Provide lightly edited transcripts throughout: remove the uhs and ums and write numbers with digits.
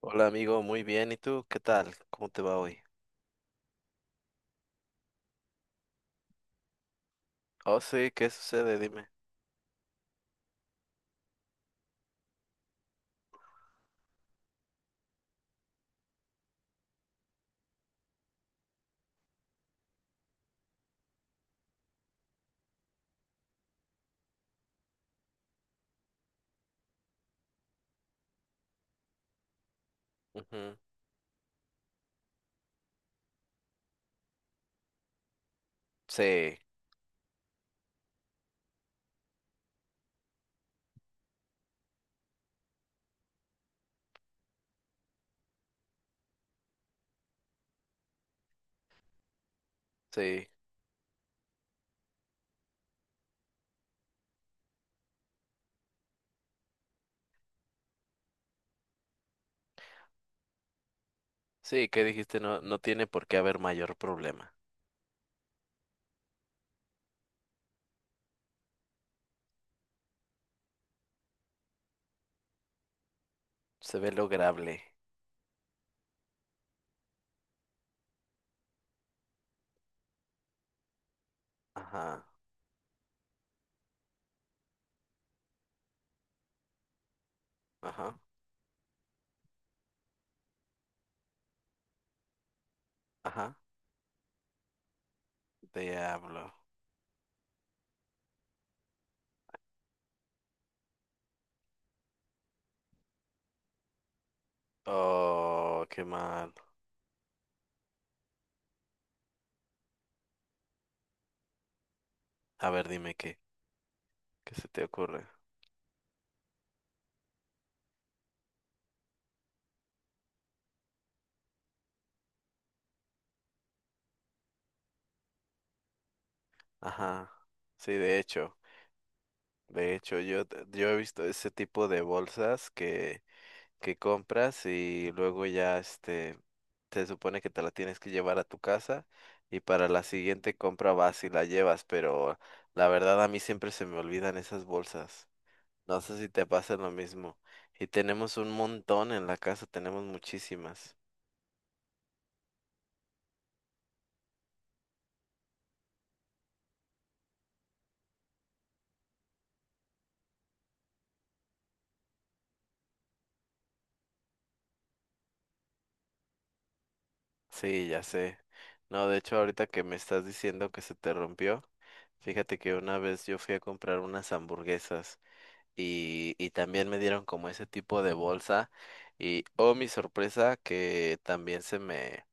Hola amigo, muy bien. ¿Y tú? ¿Qué tal? ¿Cómo te va hoy? Oh, sí, ¿qué sucede? Dime. Ujú. Sí, sí, sí, ¿qué dijiste? No, no tiene por qué haber mayor problema. Se ve lograble. Ajá, ajá, ajá. Diablo. Oh, qué mal. A ver, dime qué, qué se te ocurre. Ajá. Sí, de hecho, yo he visto ese tipo de bolsas que compras y luego ya este se supone que te la tienes que llevar a tu casa y para la siguiente compra vas y la llevas, pero la verdad a mí siempre se me olvidan esas bolsas. No sé si te pasa lo mismo. Y tenemos un montón en la casa, tenemos muchísimas. Sí, ya sé. No, de hecho ahorita que me estás diciendo que se te rompió, fíjate que una vez yo fui a comprar unas hamburguesas. Y también me dieron como ese tipo de bolsa y oh mi sorpresa que también se me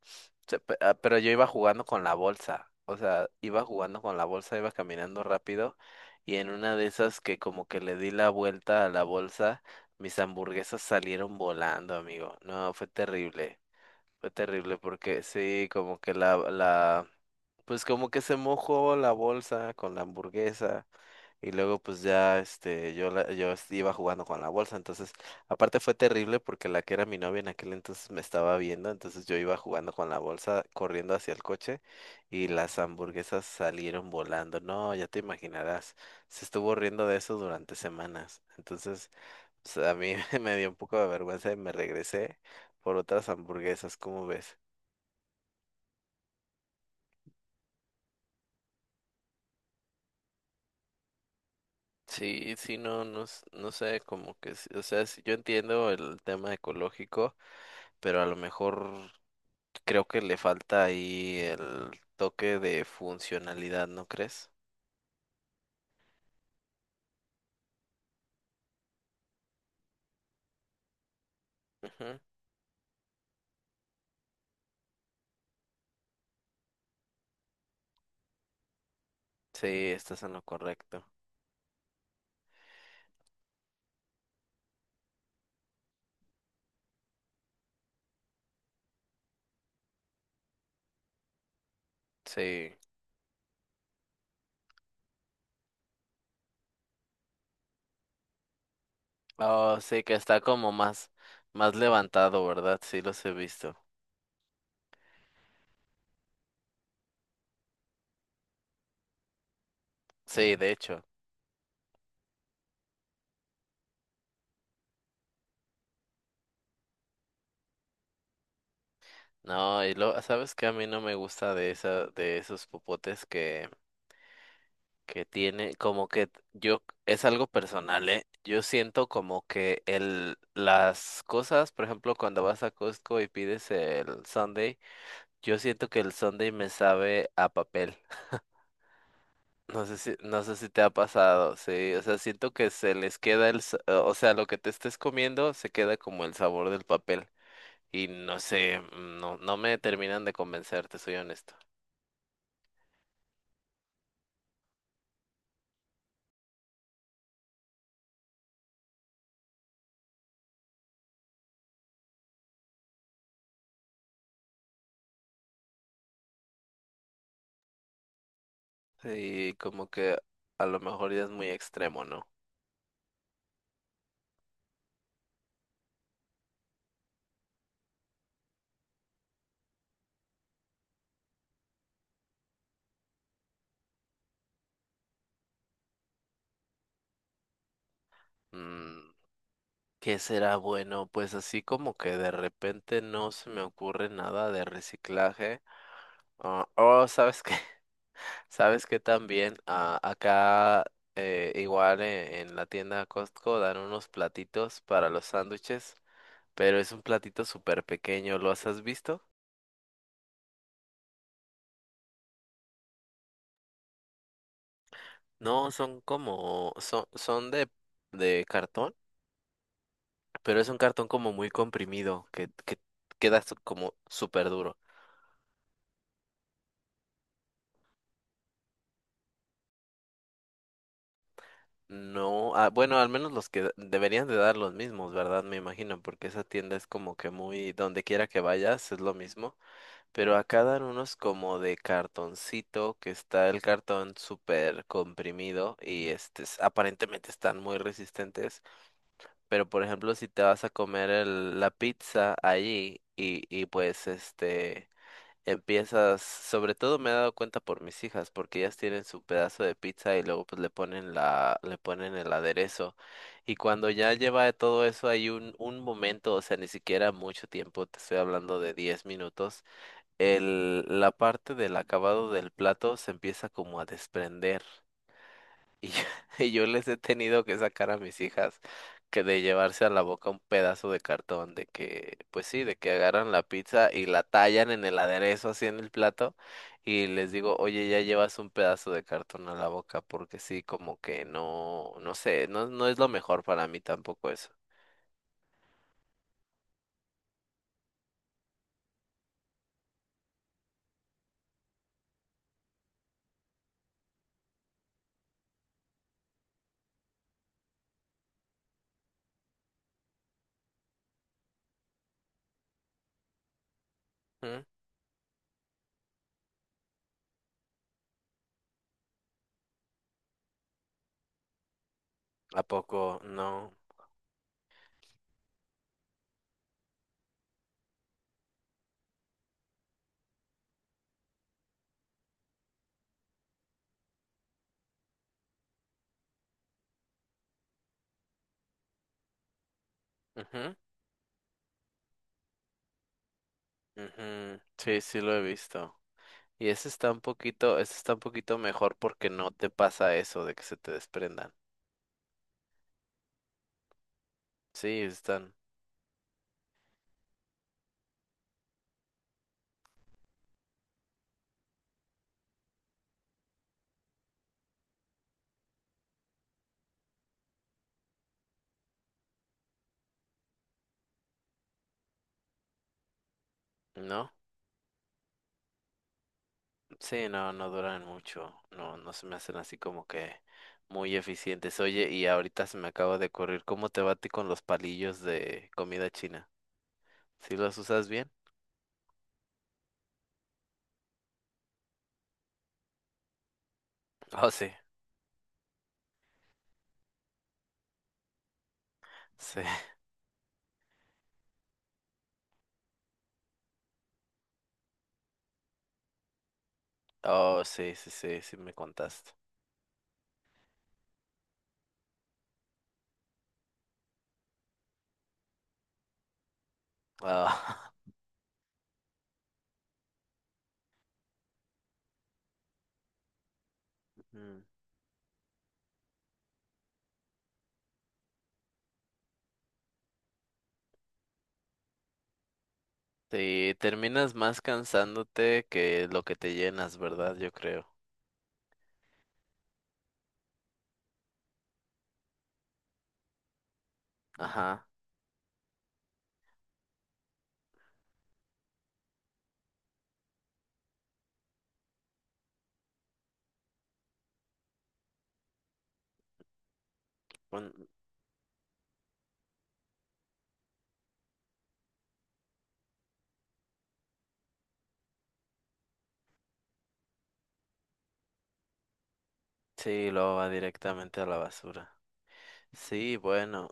se pe- ah, pero yo iba jugando con la bolsa, o sea, iba jugando con la bolsa, iba caminando rápido y en una de esas que como que le di la vuelta a la bolsa, mis hamburguesas salieron volando, amigo. No, fue terrible. Fue terrible porque sí, como que la la pues como que se mojó la bolsa con la hamburguesa. Y luego pues ya este yo la- yo es- iba jugando con la bolsa, entonces aparte fue terrible porque la que era mi novia en aquel entonces me estaba viendo, entonces yo iba jugando con la bolsa corriendo hacia el coche y las hamburguesas salieron volando. No, ya te imaginarás. Se estuvo riendo de eso durante semanas. Entonces, pues, a mí me dio un poco de vergüenza y me regresé por otras hamburguesas, ¿cómo ves? Sí, sí, no, no, s- no sé, como que, s- o sea, sí, yo entiendo el tema ecológico, pero a lo mejor creo que le falta ahí el toque de funcionalidad, ¿no crees? Ujú. Sí, estás en lo correcto. Sí. Oh, sí, que está como más, más levantado, ¿verdad? Sí, los he visto. Sí, de hecho. No, y lo, ¿sabes qué? A mí no me gusta de esa, de esos popotes que tiene, como que yo, es algo personal, ¿eh? Yo siento como que el, las cosas, por ejemplo, cuando vas a Costco y pides el sundae. Yo siento que el Sunday me sabe a papel. No sé si, no sé si te ha pasado, sí. O sea, siento que se les queda el, sa- o sea, lo que te estés comiendo se queda como el sabor del papel. Y no sé, no, no me terminan de convencer, te soy honesto. Sí, como que a lo mejor ya es muy extremo, ¿no? Mm, ¿qué será bueno? Pues así como que de repente no se me ocurre nada de reciclaje. Ah, oh, ¿sabes qué? Sabes que también ah, acá igual en la tienda Costco dan unos platitos para los sándwiches, pero es un platito súper pequeño, ¿los has visto? No, son como, son, son de cartón, pero es un cartón como muy comprimido, que queda su- como súper duro. No, ah, bueno, al menos los que da- deberían de dar los mismos, ¿verdad? Me imagino, porque esa tienda es como que muy, donde quiera que vayas, es lo mismo. Pero acá dan unos como de cartoncito, que está el cartón súper comprimido y este, s- aparentemente están muy resistentes. Pero por ejemplo, si te vas a comer el- la pizza allí y pues este, empiezas, sobre todo me he dado cuenta por mis hijas, porque ellas tienen su pedazo de pizza y luego pues le ponen la, le ponen el aderezo. Y cuando ya lleva todo eso hay un momento, o sea, ni siquiera mucho tiempo, te estoy hablando de 10 minutos el, la parte del acabado del plato se empieza como a desprender. Y, yo- y yo les he tenido que sacar a mis hijas que de llevarse a la boca un pedazo de cartón, de que, pues sí, de que agarran la pizza y la tallan en el aderezo así en el plato y les digo, oye, ya llevas un pedazo de cartón a la boca, porque sí, como que no, no sé, no, no es lo mejor para mí tampoco eso. ¿Mm? ¿A poco no? Ujú, ujú. Sí, sí lo he visto. Y ese está un poquito, ese está un poquito mejor porque no te pasa eso de que se te desprendan. Sí, están, ¿no? Sí, no, no duran mucho. No, no se me hacen así como que muy eficientes. Oye, y ahorita se me acaba de ocurrir, ¿cómo te va a ti con los palillos de comida china? ¿Sí los usas bien? Oh, sí. Sí. Oh, sí, sí, sí, sí me contaste. Ah, mm. Sí, terminas más cansándote que lo que te llenas, ¿verdad? Yo creo. Ajá. Bueno, sí, lo va directamente a la basura. Sí, bueno,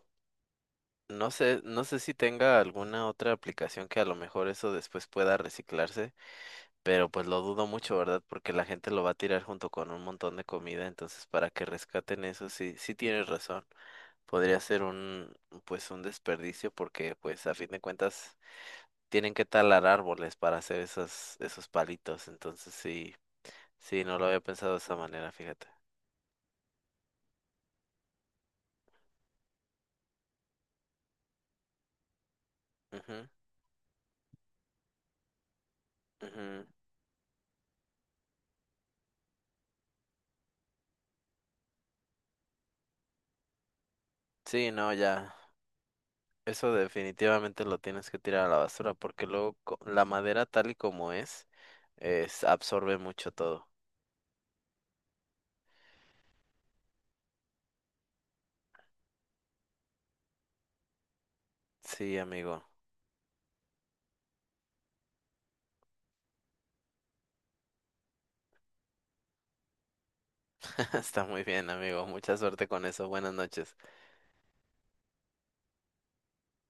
no sé, no sé si tenga alguna otra aplicación que a lo mejor eso después pueda reciclarse, pero pues lo dudo mucho, ¿verdad? Porque la gente lo va a tirar junto con un montón de comida, entonces para que rescaten eso, sí, sí tienes razón. Podría ser un, pues un desperdicio porque pues a fin de cuentas tienen que talar árboles para hacer esos, esos palitos, entonces sí, sí, no lo había pensado de esa manera, fíjate. Ujú, ujú. Sí, no, ya. Eso definitivamente lo tienes que tirar a la basura porque luego co- la madera tal y como es absorbe mucho todo. Sí, amigo. Está muy bien, amigo. Mucha suerte con eso. Buenas noches.